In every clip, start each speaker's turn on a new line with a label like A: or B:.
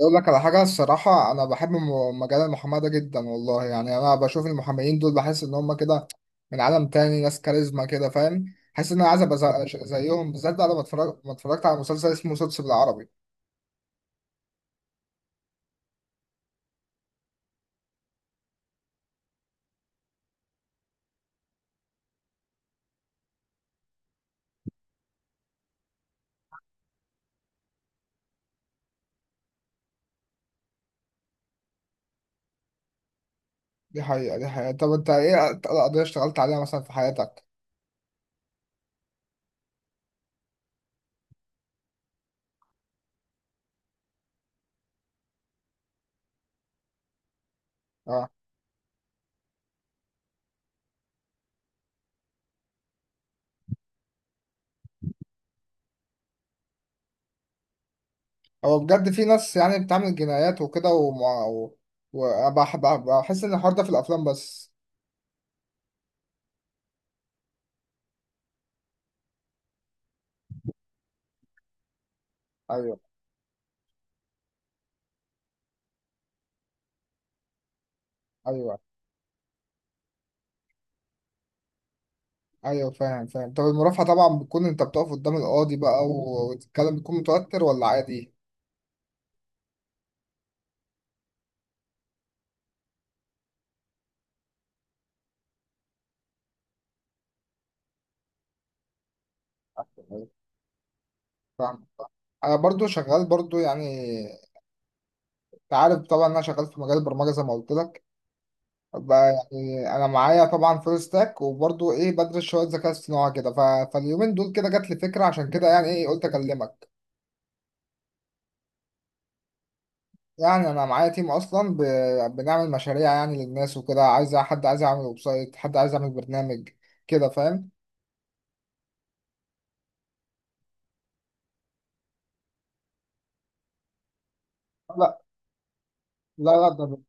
A: اقول لك على حاجه. الصراحه انا بحب مجال المحاماه ده جدا والله. يعني انا بشوف المحاميين دول بحس ان هم كده من عالم تاني، ناس كاريزما كده، فاهم. حاسس ان انا عايز ابقى زيهم بالذات بقى، لما اتفرج، ما اتفرجت على مسلسل اسمه سوتس بالعربي. دي حقيقه. طب انت ايه أكتر قضيه اشتغلت عليها مثلا في حياتك؟ اه، هو بجد في ناس يعني بتعمل جنايات وكده، وبحب بحس ان الحوار ده في الافلام بس. ايوه ايوه ايوه، فاهم فاهم. طب المرافعه طبعا بتكون انت بتقف قدام القاضي بقى، والكلام بيكون متوتر ولا عادي؟ أيوة، فاهم. انا برضو شغال برضو يعني، انت عارف طبعا انا شغال في مجال البرمجه زي ما قلت لك بقى. يعني انا معايا طبعا فول ستاك، وبرضو ايه، بدرس شويه ذكاء اصطناعي كده فاليومين دول كده جات لي فكره، عشان كده يعني ايه قلت اكلمك. يعني انا معايا تيم اصلا بنعمل مشاريع يعني للناس وكده، عايز حد، عايز يعمل ويب سايت، حد عايز يعمل برنامج كده، فاهم. لا لا، ده ده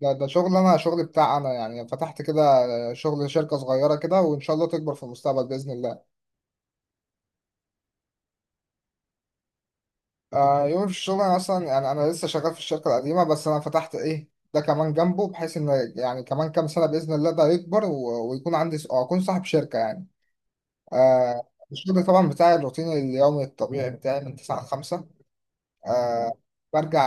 A: ده ده شغل انا، شغل بتاع انا يعني، فتحت كده آه، شغل شركه صغيره كده، وان شاء الله تكبر في المستقبل باذن الله. آه، يوم في الشغل. انا اصلا يعني انا لسه شغال في الشركه القديمه، بس انا فتحت ايه ده كمان جنبه، بحيث ان يعني كمان كام سنه باذن الله ده يكبر ويكون عندي او اكون صاحب شركه يعني. آه، الشغل طبعا بتاعي، الروتين اليومي الطبيعي بتاعي من 9 ل 5. آه، برجع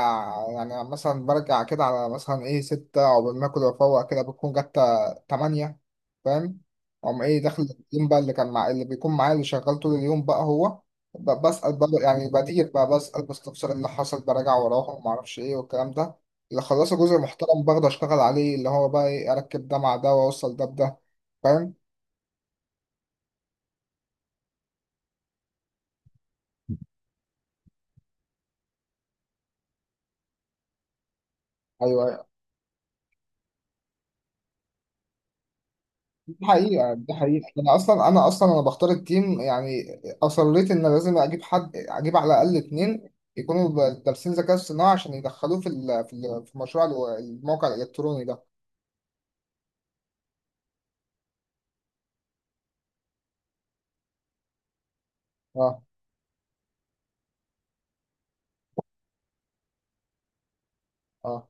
A: يعني مثلا برجع كده على مثلا ايه ستة، عقبال ما اكل وافوق كده بتكون جت تمانية، فاهم. أقوم ايه داخل اليوم بقى اللي كان مع اللي بيكون معايا، اللي شغال طول اليوم بقى، هو بسأل بقى، يعني بدير بقى بسأل بستفسر إيه اللي حصل، براجع وراهم، ومعرفش ايه والكلام ده. اللي خلص جزء محترم باخده اشتغل عليه، اللي هو بقى ايه، اركب ده مع ده واوصل ده بده، فاهم. ايوه، دي حقيقة. أنا بختار التيم يعني، أصريت إن لازم أجيب حد، أجيب على الأقل اتنين يكونوا دارسين ذكاء اصطناعي عشان يدخلوه في مشروع الموقع الإلكتروني ده. أه. أه،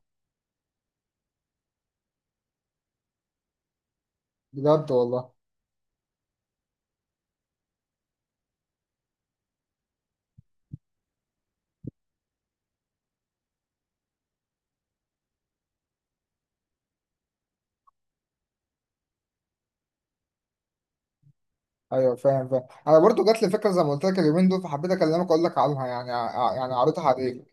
A: بجد والله. أيوه، فاهم فاهم. أنا برضو جات لي فكرة زي ما قلت لك اليومين دول، فحبيت أكلمك أقول لك عنها يعني، يعني عرضها عليك.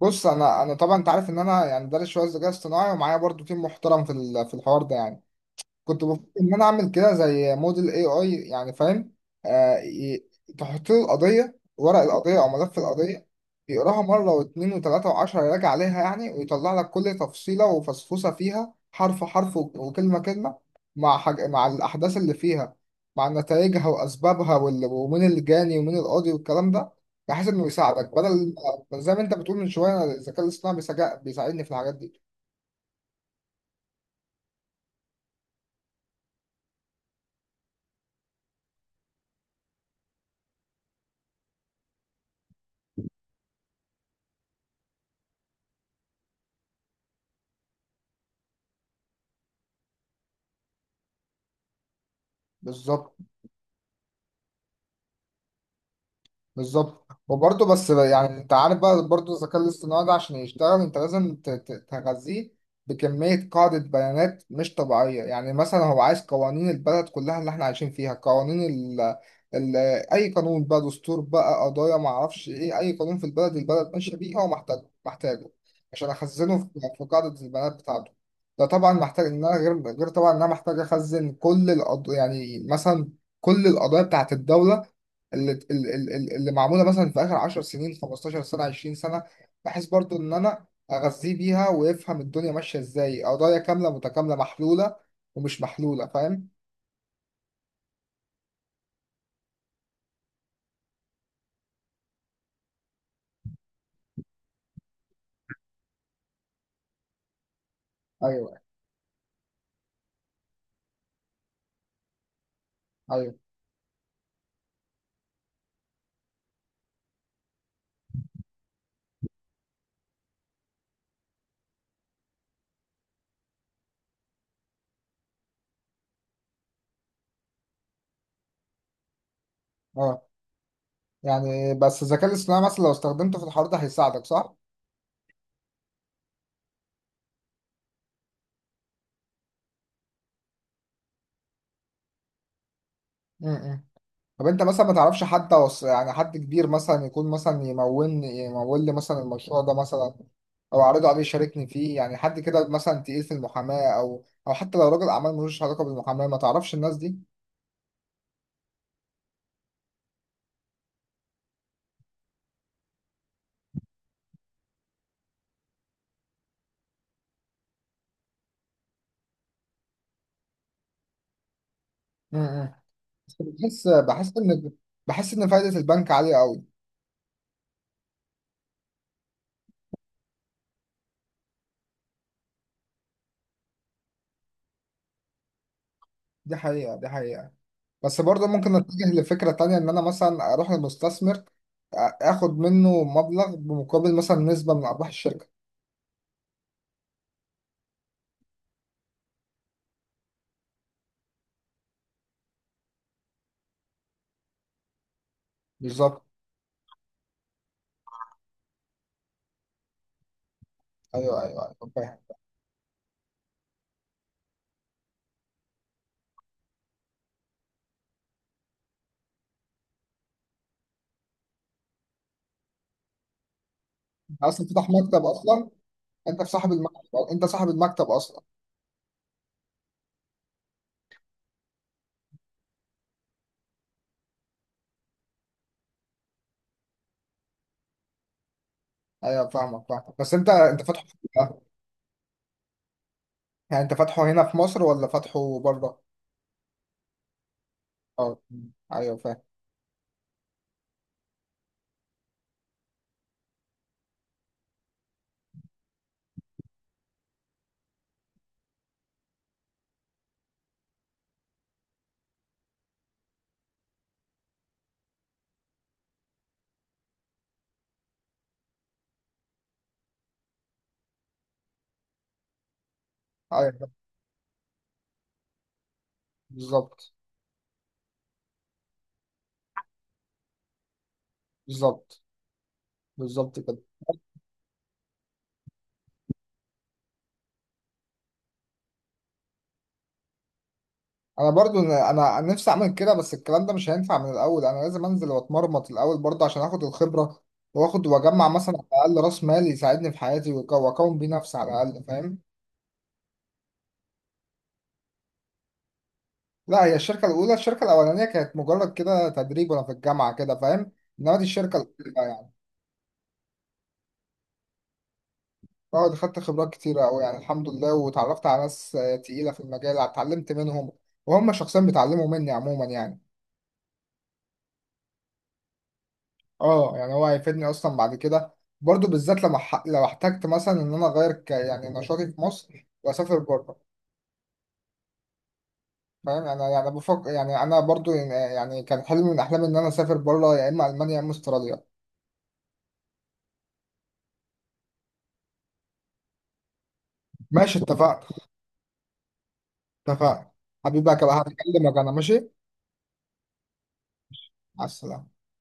A: بص، أنا طبعا أنت عارف إن أنا يعني دارس شوية ذكاء اصطناعي، ومعايا برضو تيم محترم في الحوار ده يعني. كنت بفكر ان انا اعمل كده زي موديل اي اي، يعني فاهم. آه ي- تحط له القضيه، ورق القضيه او ملف القضيه، يقراها مره واثنين وثلاثه وعشره، يراجع عليها يعني، ويطلع لك كل تفصيله وفصفصه فيها، حرف حرف وكلمه كلمه، مع الاحداث اللي فيها، مع نتائجها واسبابها ومين الجاني ومين القاضي والكلام ده، بحيث انه يساعدك بدل، زي ما انت بتقول من شويه، الذكاء الاصطناعي بيساعدني في الحاجات دي. بالظبط بالظبط. وبرضه بس يعني، انت عارف بقى، برضه الذكاء الاصطناعي ده عشان يشتغل انت لازم تغذيه بكمية قاعدة بيانات مش طبيعية. يعني مثلا هو عايز قوانين البلد كلها اللي احنا عايشين فيها، قوانين ال ال اي قانون بقى، دستور بقى، قضايا ما اعرفش ايه، اي قانون في البلد، البلد ماشية بيه هو محتاج محتاجه عشان اخزنه في قاعدة البيانات بتاعته. ده طبعا محتاج ان انا غير طبعا، ان انا محتاج اخزن كل القض يعني، مثلا كل القضايا بتاعت الدولة اللي ال- ال- ال- اللي معموله مثلا في اخر 10 سنين، 15 سنه، 20 سنه، بحيث برضو ان انا اغذيه بيها ويفهم الدنيا ماشيه ازاي، قضايا كامله متكامله محلوله ومش محلوله، فاهم. ايوه ايوه. اه يعني، بس الذكاء الاصطناعي مثلا لو استخدمته في الحوار ده هيساعدك صح؟ م- م. طب انت مثلا ما تعرفش حد يعني حد كبير مثلا يكون مثلا يمول لي مثلا المشروع ده مثلا، او اعرضه عليه يشاركني فيه، يعني حد كده مثلا تقيل في المحاماة، او حتى لو راجل اعمال ملوش علاقة بالمحاماة، ما تعرفش الناس دي. امم. بس بحس ان، بحس ان فايدة البنك عالية قوي. دي حقيقة. بس برضه ممكن اتجه لفكرة تانية، ان انا مثلا اروح لمستثمر اخد منه مبلغ بمقابل مثلا نسبة من ارباح الشركة. بالظبط. ايوه، فاهم. أنت اصلا فتح مكتب اصلا، انت صاحب المكتب اصلا. ايوه، فاهمك فاهمك. بس انت فاتحه فين؟ يعني انت فاتحه هنا في مصر ولا فاتحه بره؟ اه، ايوه فاهم. ايوه، بالظبط. بالظبط بالظبط كده. انا برضو انا انا نفسي اعمل كده، بس الكلام ده مش هينفع من الاول، انا لازم انزل واتمرمط الاول برضه عشان اخد الخبره، واخد واجمع مثلا على الاقل راس مال يساعدني في حياتي واكون بيه نفسي على الاقل، فاهم. لا، هي الشركه الاولى. الشركه الاولانيه كانت مجرد كده تدريب وانا في الجامعه كده، فاهم. انما دي الشركه الاولى يعني. اه، دي خدت خبرات كتيرة أوي يعني الحمد لله، واتعرفت على ناس آه، تقيلة في المجال، اتعلمت منهم وهم شخصيا بيتعلموا مني عموما يعني. اه، يعني هو هيفيدني أصلا بعد كده، برضو بالذات لما لو احتجت مثلا إن أنا أغير يعني نشاطي في مصر وأسافر بره. فاهم يعني، أنا يعني بفكر يعني، أنا برضو يعني كان حلم من أحلامي إن أنا أسافر بره، يا إما ألمانيا يا إما أستراليا. ماشي، اتفقنا. اتفقنا، حبيبي بقى. هكلمك أنا، ماشي. على السلامة.